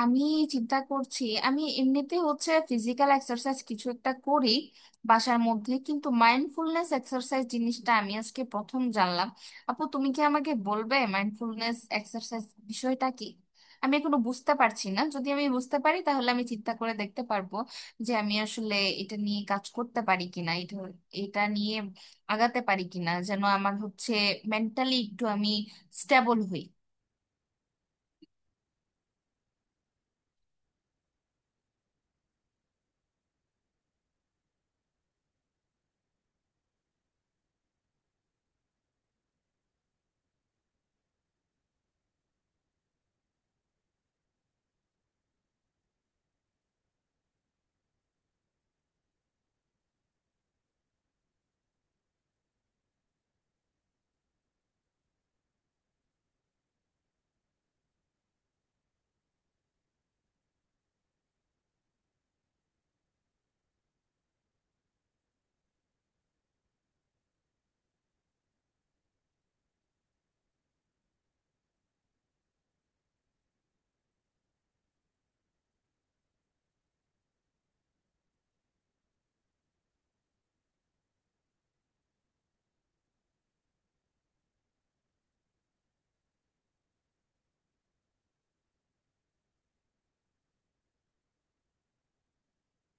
আমি চিন্তা করছি। আমি এমনিতে হচ্ছে ফিজিক্যাল এক্সারসাইজ কিছু একটা করি বাসার মধ্যে, কিন্তু মাইন্ডফুলনেস এক্সারসাইজ জিনিসটা আমি আজকে প্রথম জানলাম। আপু, তুমি কি আমাকে বলবে মাইন্ডফুলনেস এক্সারসাইজ বিষয়টা কি? আমি এখনো বুঝতে পারছি না। যদি আমি বুঝতে পারি তাহলে আমি চিন্তা করে দেখতে পারবো যে আমি আসলে এটা নিয়ে কাজ করতে পারি কিনা, এটা এটা নিয়ে আগাতে পারি কিনা, যেন আমার হচ্ছে মেন্টালি একটু আমি স্টেবল হই।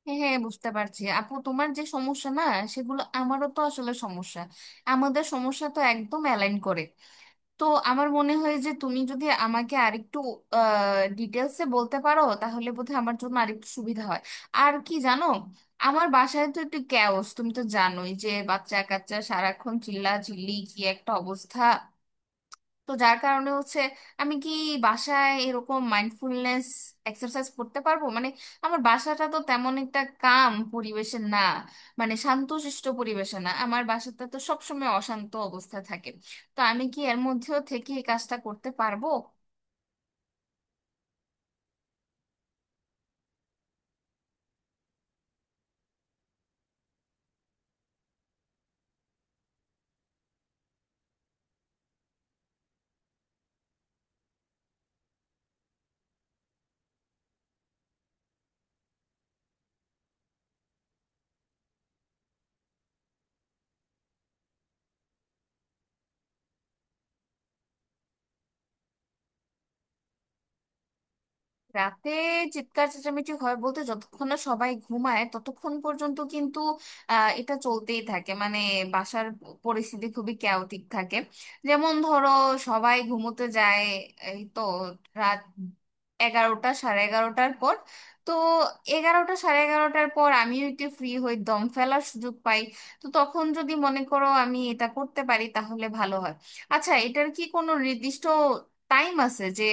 হ্যাঁ হ্যাঁ, বুঝতে পারছি আপু। তোমার যে সমস্যা না, সেগুলো আমারও তো আসলে সমস্যা। আমাদের সমস্যা তো একদম অ্যালাইন করে। তো আমার মনে হয় যে তুমি যদি আমাকে আরেকটু ডিটেলসে বলতে পারো তাহলে বোধহয় আমার জন্য আরেকটু সুবিধা হয়। আর কি জানো, আমার বাসায় তো একটু ক্যাওস। তুমি তো জানোই যে বাচ্চা কাচ্চা সারাক্ষণ চিল্লা চিল্লি, কি একটা অবস্থা। তো যার কারণে হচ্ছে, আমি কি বাসায় এরকম মাইন্ডফুলনেস এক্সারসাইজ করতে পারবো? মানে আমার বাসাটা তো তেমন একটা কাম পরিবেশে না, মানে শান্তশিষ্ট পরিবেশে না। আমার বাসাটা তো সবসময় অশান্ত অবস্থা থাকে। তো আমি কি এর মধ্যেও থেকে এই কাজটা করতে পারবো? রাতে চিৎকার চেঁচামেচি হয় বলতে, যতক্ষণ না সবাই ঘুমায় ততক্ষণ পর্যন্ত কিন্তু এটা চলতেই থাকে। মানে বাসার পরিস্থিতি খুবই ক্যাওটিক থাকে। যেমন ধরো, সবাই ঘুমোতে যায় এই তো রাত 11টা সাড়ে 11টার পর। তো 11টা সাড়ে 11টার পর আমিও একটু ফ্রি হই, দম ফেলার সুযোগ পাই। তো তখন যদি মনে করো আমি এটা করতে পারি তাহলে ভালো হয়। আচ্ছা, এটার কি কোনো নির্দিষ্ট টাইম আছে যে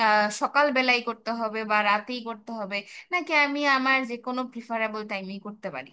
সকালবেলাই করতে হবে বা রাতেই করতে হবে, নাকি আমি আমার যে কোনো প্রিফারেবল টাইমেই করতে পারি?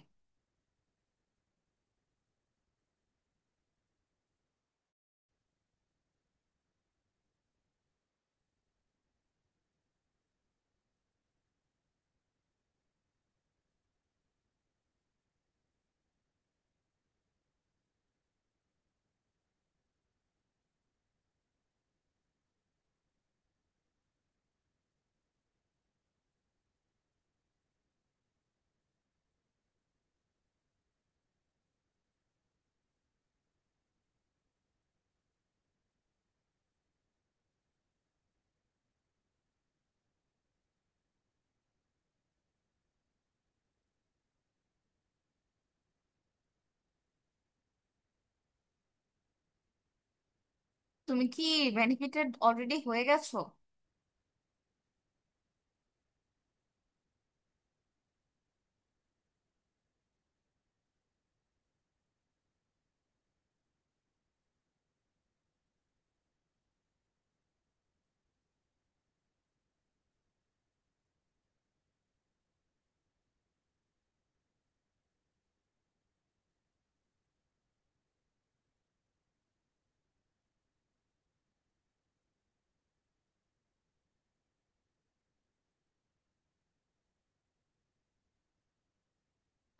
তুমি কি বেনিফিটেড অলরেডি হয়ে গেছো?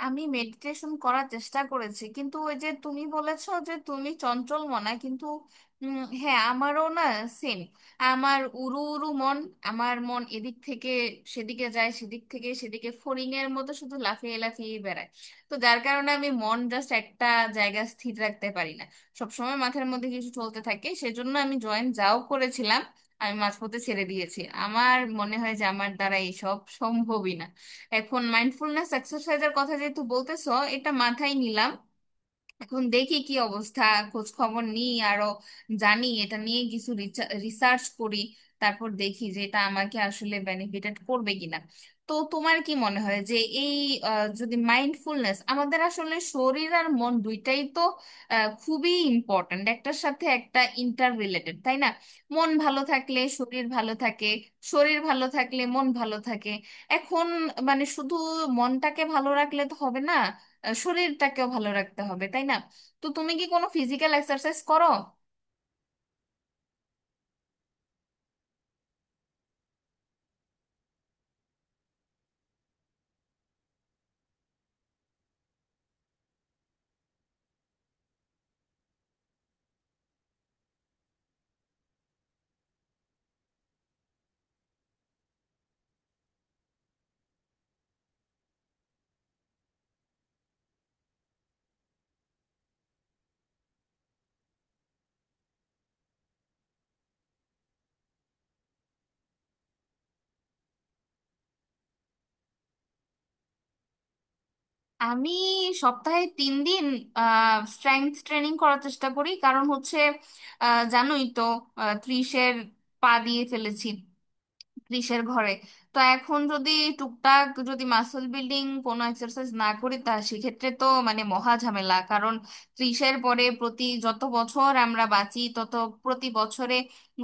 আমি মেডিটেশন করার চেষ্টা করেছি কিন্তু ওই যে তুমি বলেছো যে তুমি চঞ্চল মনা, কিন্তু হ্যাঁ, আমারও না, সেম। আমার উড়ু উড়ু মন। আমার মন এদিক থেকে সেদিকে যায়, সেদিক থেকে সেদিকে ফড়িং এর মতো শুধু লাফিয়ে লাফিয়ে বেড়ায়। তো যার কারণে আমি মন জাস্ট একটা জায়গা স্থির রাখতে পারি না। সবসময় মাথার মধ্যে কিছু চলতে থাকে, সেজন্য আমি জয়েন যাও করেছিলাম, আমি মাঝপথে ছেড়ে দিয়েছি। আমার মনে হয় যে আমার দ্বারা এইসব সম্ভবই না। এখন মাইন্ডফুলনেস এক্সারসাইজের কথা যেহেতু বলতেছো, এটা মাথায় নিলাম। এখন দেখি কি অবস্থা, খোঁজ খবর নিই, আরো জানি এটা নিয়ে, কিছু রিসার্চ করি, তারপর দেখি যে এটা আমাকে আসলে বেনিফিটেড করবে কিনা। তো তোমার কি মনে হয় যে এই যদি মাইন্ডফুলনেস, আমাদের আসলে শরীর আর মন দুইটাই তো খুবই ইম্পর্ট্যান্ট, একটার সাথে একটা ইন্টার রিলেটেড তাই না? মন ভালো থাকলে শরীর ভালো থাকে, শরীর ভালো থাকলে মন ভালো থাকে। এখন মানে শুধু মনটাকে ভালো রাখলে তো হবে না, শরীরটাকেও ভালো রাখতে হবে তাই না? তো তুমি কি কোনো ফিজিক্যাল এক্সারসাইজ করো? আমি সপ্তাহে 3 দিন স্ট্রেংথ ট্রেনিং করার চেষ্টা করি কারণ হচ্ছে জানোই তো, ত্রিশের পা দিয়ে ফেলেছি, ত্রিশের ঘরে। তো এখন যদি টুকটাক যদি মাসল বিল্ডিং কোনো এক্সারসাইজ না করি তা সেক্ষেত্রে তো মানে মহা ঝামেলা। কারণ ত্রিশের পরে প্রতি যত বছর আমরা বাঁচি তত প্রতি বছরে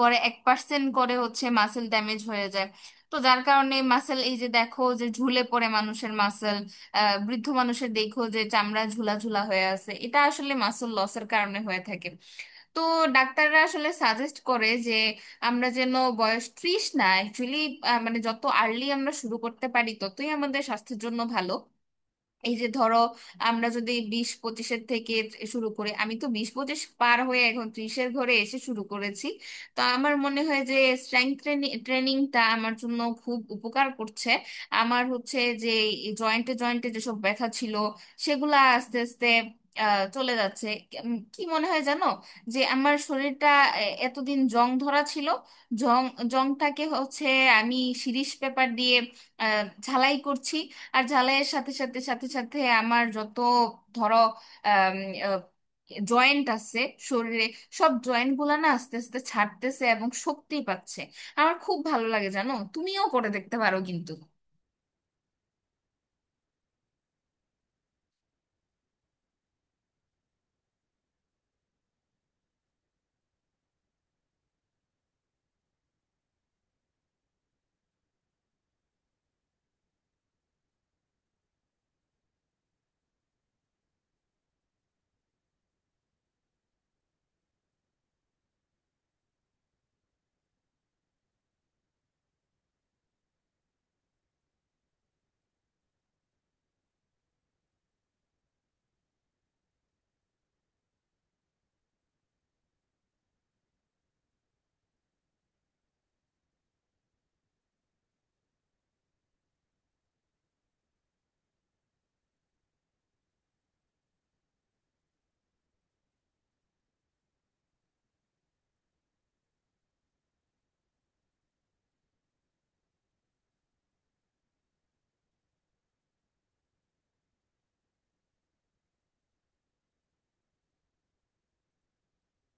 গড়ে 1 পার্সেন্ট করে হচ্ছে মাসেল ড্যামেজ হয়ে যায়। তো যার কারণে মাসেল, এই যে দেখো যে ঝুলে পড়ে মানুষের মাসেল, বৃদ্ধ মানুষের দেখো যে চামড়া ঝুলা ঝুলা হয়ে আছে, এটা আসলে মাসল লসের কারণে হয়ে থাকে। তো ডাক্তাররা আসলে সাজেস্ট করে যে আমরা যেন, বয়স ত্রিশ না অ্যাকচুয়ালি, মানে যত আর্লি আমরা শুরু করতে পারি ততই আমাদের স্বাস্থ্যের জন্য ভালো। এই যে ধরো আমরা যদি বিশ পঁচিশের থেকে শুরু করে, আমি তো বিশ পঁচিশ পার হয়ে এখন ত্রিশের ঘরে এসে শুরু করেছি। তো আমার মনে হয় যে স্ট্রেংথ ট্রেনিংটা আমার জন্য খুব উপকার করছে। আমার হচ্ছে যে জয়েন্টে জয়েন্টে যেসব ব্যথা ছিল সেগুলা আস্তে আস্তে চলে যাচ্ছে। কি মনে হয় জানো, যে আমার শরীরটা এতদিন জং ধরা ছিল, জং, জংটাকে হচ্ছে আমি শিরিষ পেপার দিয়ে ঝালাই করছি। আর ঝালাইয়ের সাথে সাথে আমার যত ধরো জয়েন্ট আছে শরীরে, সব জয়েন্ট গুলা না আস্তে আস্তে ছাড়তেছে এবং শক্তি পাচ্ছে। আমার খুব ভালো লাগে জানো, তুমিও করে দেখতে পারো কিন্তু।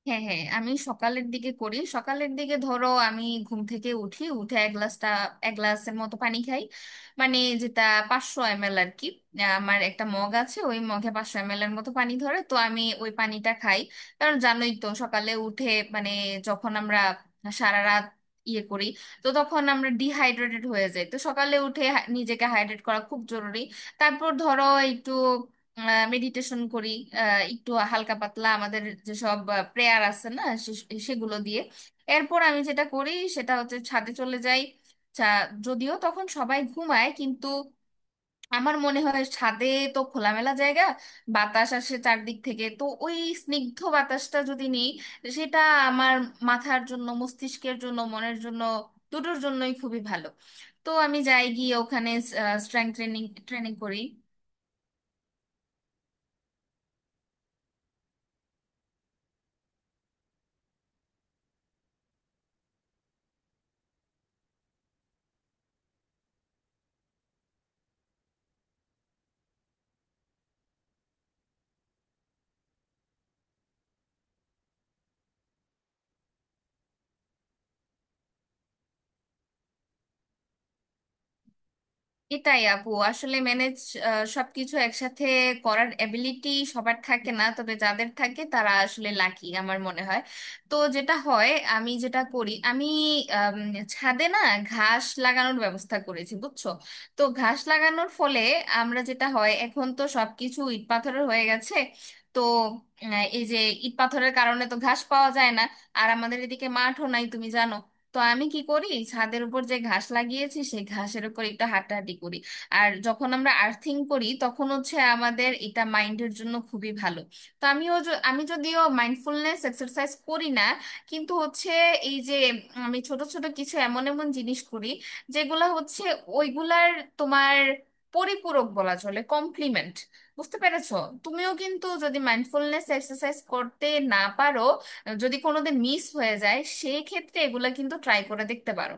হ্যাঁ হ্যাঁ, আমি সকালের দিকে করি। সকালের দিকে ধরো আমি ঘুম থেকে উঠি, উঠে এক গ্লাসটা এক গ্লাসের মতো পানি খাই, মানে যেটা 500 এম এল আর কি। আমার একটা মগ আছে, ওই মগে 500 এম এল এর মতো পানি ধরে, তো আমি ওই পানিটা খাই। কারণ জানোই তো সকালে উঠে, মানে যখন আমরা সারা রাত ইয়ে করি, তো তখন আমরা ডিহাইড্রেটেড হয়ে যাই। তো সকালে উঠে নিজেকে হাইড্রেট করা খুব জরুরি। তারপর ধরো একটু মেডিটেশন করি, একটু হালকা পাতলা আমাদের যেসব প্রেয়ার আছে না সেগুলো দিয়ে। এরপর আমি যেটা করি সেটা হচ্ছে ছাদে চলে যাই। চা- যদিও তখন সবাই ঘুমায় কিন্তু আমার মনে হয় ছাদে তো খোলামেলা জায়গা, বাতাস আসে চারদিক থেকে, তো ওই স্নিগ্ধ বাতাসটা যদি নিই সেটা আমার মাথার জন্য, মস্তিষ্কের জন্য, মনের জন্য দুটোর জন্যই খুবই ভালো। তো আমি যাই গিয়ে ওখানে স্ট্রেংথ ট্রেনিং ট্রেনিং করি। এটাই আপু, আসলে ম্যানেজ, সবকিছু একসাথে করার এবিলিটি সবার থাকে না, তবে যাদের থাকে তারা আসলে লাকি আমার মনে হয়। তো যেটা হয় আমি যেটা করি, আমি আম, ছাদে না ঘাস লাগানোর ব্যবস্থা করেছি, বুঝছো? তো ঘাস লাগানোর ফলে, আমরা যেটা হয় এখন তো সবকিছু ইট পাথরের হয়ে গেছে। তো এই যে ইট পাথরের কারণে তো ঘাস পাওয়া যায় না। আর আমাদের এদিকে মাঠও নাই তুমি জানো। তো আমি কি করি, ছাদের উপর যে ঘাস লাগিয়েছি সেই ঘাসের উপর একটু হাঁটাহাঁটি করি। আর যখন আমরা আর্থিং করি তখন হচ্ছে আমাদের এটা মাইন্ডের জন্য খুবই ভালো। তো আমিও আমি যদিও মাইন্ডফুলনেস এক্সারসাইজ করি না, কিন্তু হচ্ছে এই যে আমি ছোট ছোট কিছু এমন এমন জিনিস করি যেগুলা হচ্ছে ওইগুলার, তোমার পরিপূরক বলা চলে, কমপ্লিমেন্ট। বুঝতে পেরেছো? তুমিও কিন্তু যদি মাইন্ডফুলনেস এক্সারসাইজ করতে না পারো, যদি কোনোদিন মিস হয়ে যায় সেই ক্ষেত্রে এগুলা কিন্তু ট্রাই করে দেখতে পারো।